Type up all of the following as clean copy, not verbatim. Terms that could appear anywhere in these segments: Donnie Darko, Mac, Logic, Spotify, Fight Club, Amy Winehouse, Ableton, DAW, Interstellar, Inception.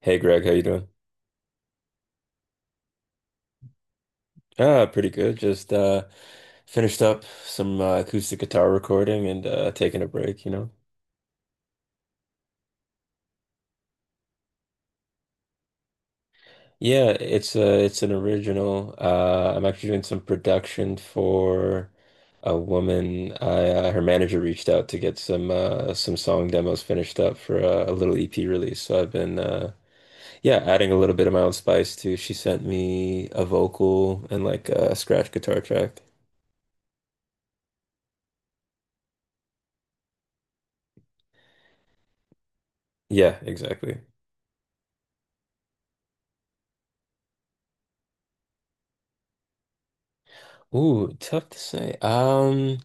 Hey Greg, how you doing? Ah, pretty good. Just finished up some acoustic guitar recording and taking a break, you know. Yeah, it's an original. I'm actually doing some production for a woman. I Her manager reached out to get some some song demos finished up for a little EP release. So I've been yeah, adding a little bit of my own spice too. She sent me a vocal and like a scratch guitar track. Yeah, exactly. Ooh, tough to say.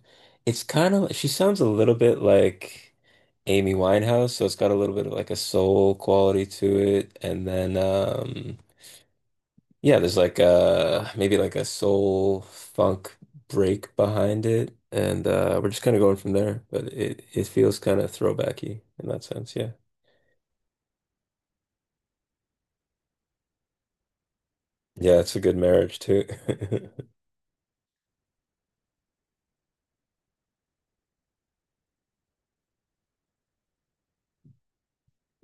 It's kind of she sounds a little bit like Amy Winehouse, so it's got a little bit of like a soul quality to it, and then yeah, there's like maybe like a soul funk break behind it, and we're just kind of going from there. But it feels kind of throwbacky in that sense, yeah. Yeah, it's a good marriage too.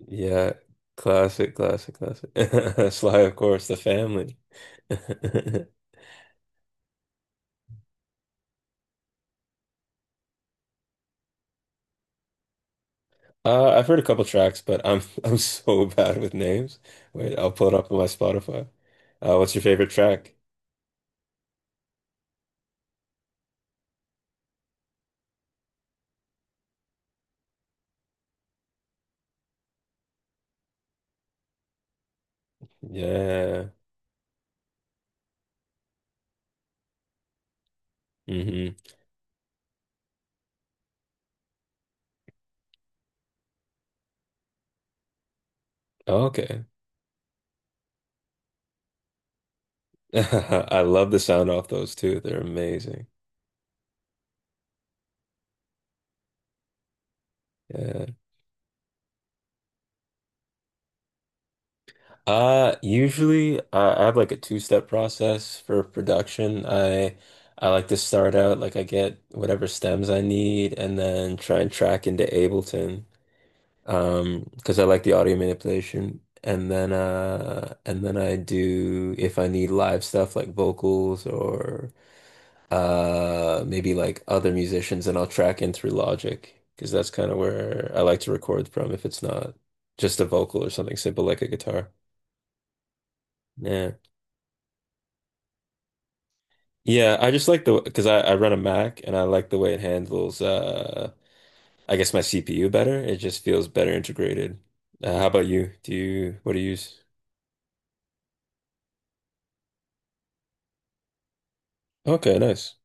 Yeah, classic, classic, classic. Sly, of course, the family. I've heard a couple tracks, but I'm I'm so bad with names. Wait, I'll pull it up on my Spotify. What's your favorite track? Yeah. Hmm. Okay. I love the sound off those too. They're amazing. Yeah. Usually I have like a two-step process for production. I like to start out like I get whatever stems I need and then try and track into Ableton. Because I like the audio manipulation. And then I do if I need live stuff like vocals or maybe like other musicians, and I'll track in through Logic because that's kind of where I like to record from if it's not just a vocal or something simple like a guitar. Yeah. Yeah, I just like the because I run a Mac and I like the way it handles I guess my CPU better. It just feels better integrated. How about you? Do you what do you use? Okay, nice.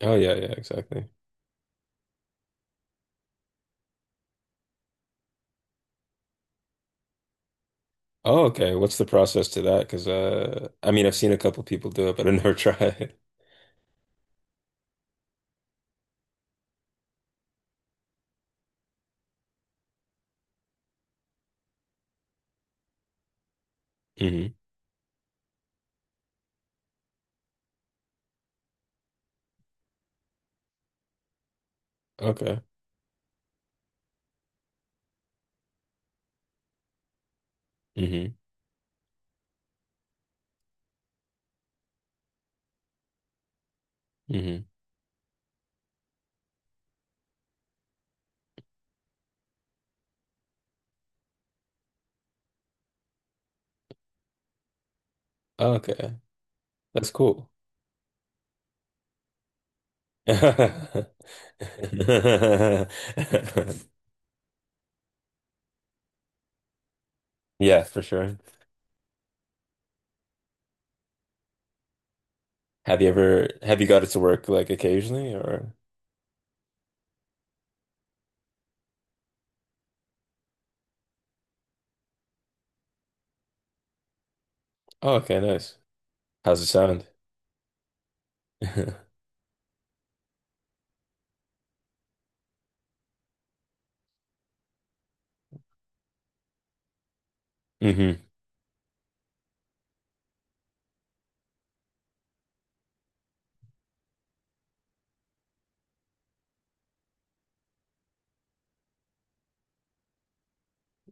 Oh yeah, yeah, exactly. Oh, okay. What's the process to that? Because I mean, I've seen a couple people do it, but I never tried. Hmm. Okay. Hmm. Hmm. Okay. That's cool. Yeah, for sure. Have you got it to work like occasionally or? Oh, okay, nice. How's it sound? Hmm.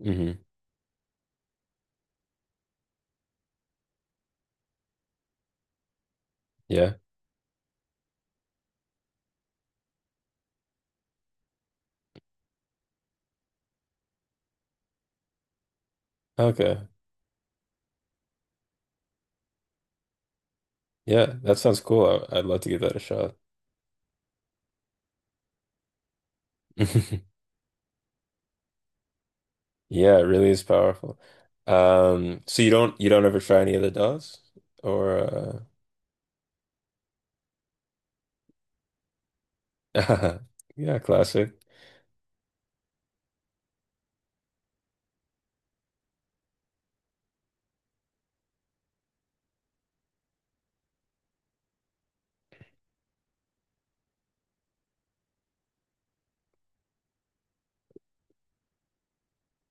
Hmm. Yeah. Okay. Yeah, that sounds cool. I'd love to give that a shot. Yeah, it really is powerful. So you don't ever try any of the DAWs or uh yeah, classic.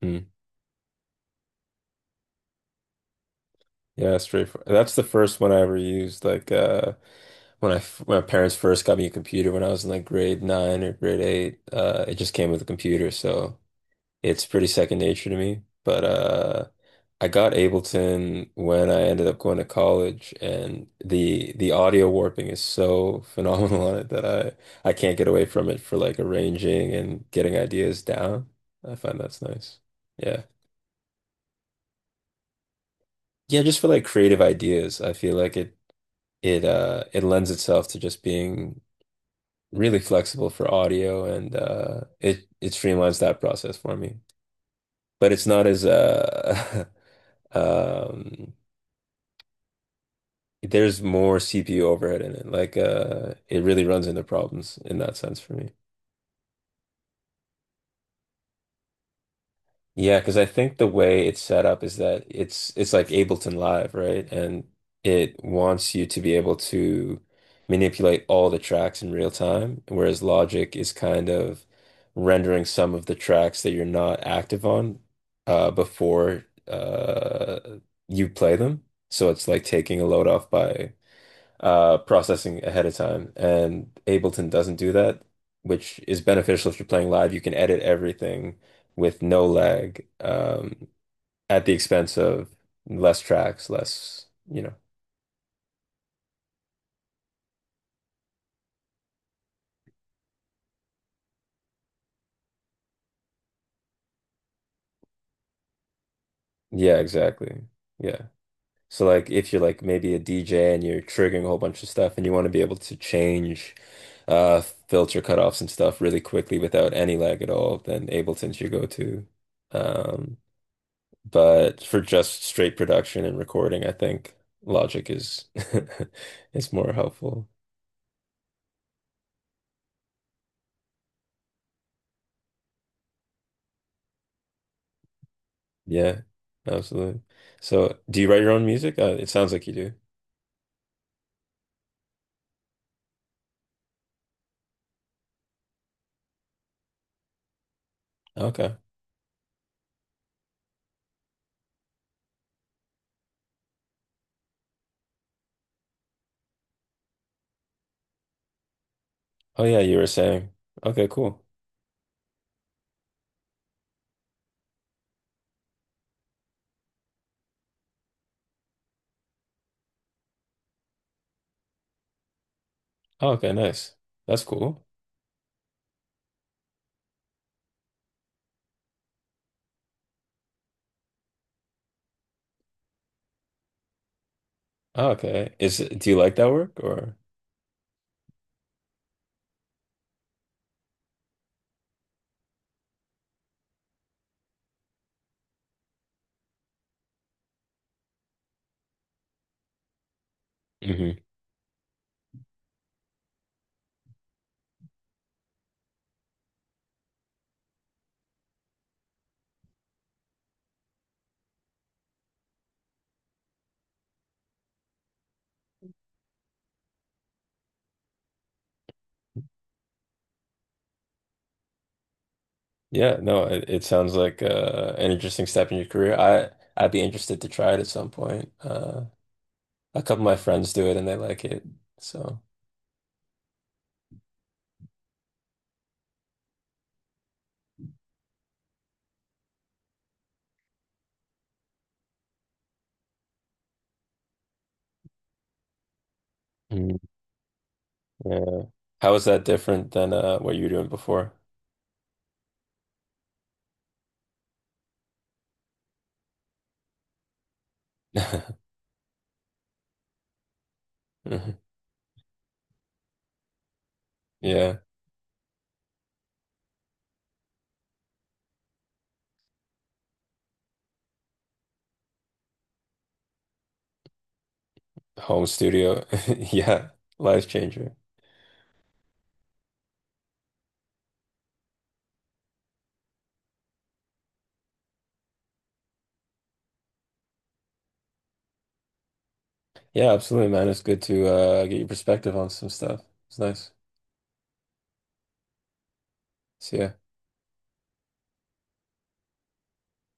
Mm, yeah, straightforward. That's the first one I ever used. When my parents first got me a computer when I was in like grade nine or grade eight, it just came with a computer, so it's pretty second nature to me, but I got Ableton when I ended up going to college, and the audio warping is so phenomenal on it that I can't get away from it for like arranging and getting ideas down. I find that's nice. Yeah, yeah, just for like creative ideas, I feel like it lends itself to just being really flexible for audio, and it it streamlines that process for me. But it's not as. um There's more CPU overhead in it. Like, it really runs into problems in that sense for me. Yeah, because I think the way it's set up is that it's like Ableton Live, right? And it wants you to be able to manipulate all the tracks in real time, whereas Logic is kind of rendering some of the tracks that you're not active on before you play them. So it's like taking a load off by processing ahead of time. And Ableton doesn't do that, which is beneficial if you're playing live. You can edit everything with no lag, at the expense of less tracks, less, you know. Yeah, exactly. Yeah. So like if you're like maybe a DJ and you're triggering a whole bunch of stuff and you want to be able to change filter cutoffs and stuff really quickly without any lag at all, then Ableton's your go-to. Um But for just straight production and recording, I think Logic is is more helpful. Yeah, absolutely. So, do you write your own music? It sounds like you do. Okay. Oh yeah, you were saying. Okay, cool. Oh, okay, nice. That's cool. Oh, okay. Is Do you like that work or? Hmm. Yeah, no, it sounds like an interesting step in your career. I'd be interested to try it at some point. A couple of my friends do it and they like it. So, Mm, yeah. How is that different than what you were doing before? Mhm. Yeah, home studio. Yeah, life changer. Yeah, absolutely, man. It's good to get your perspective on some stuff. It's nice. See ya.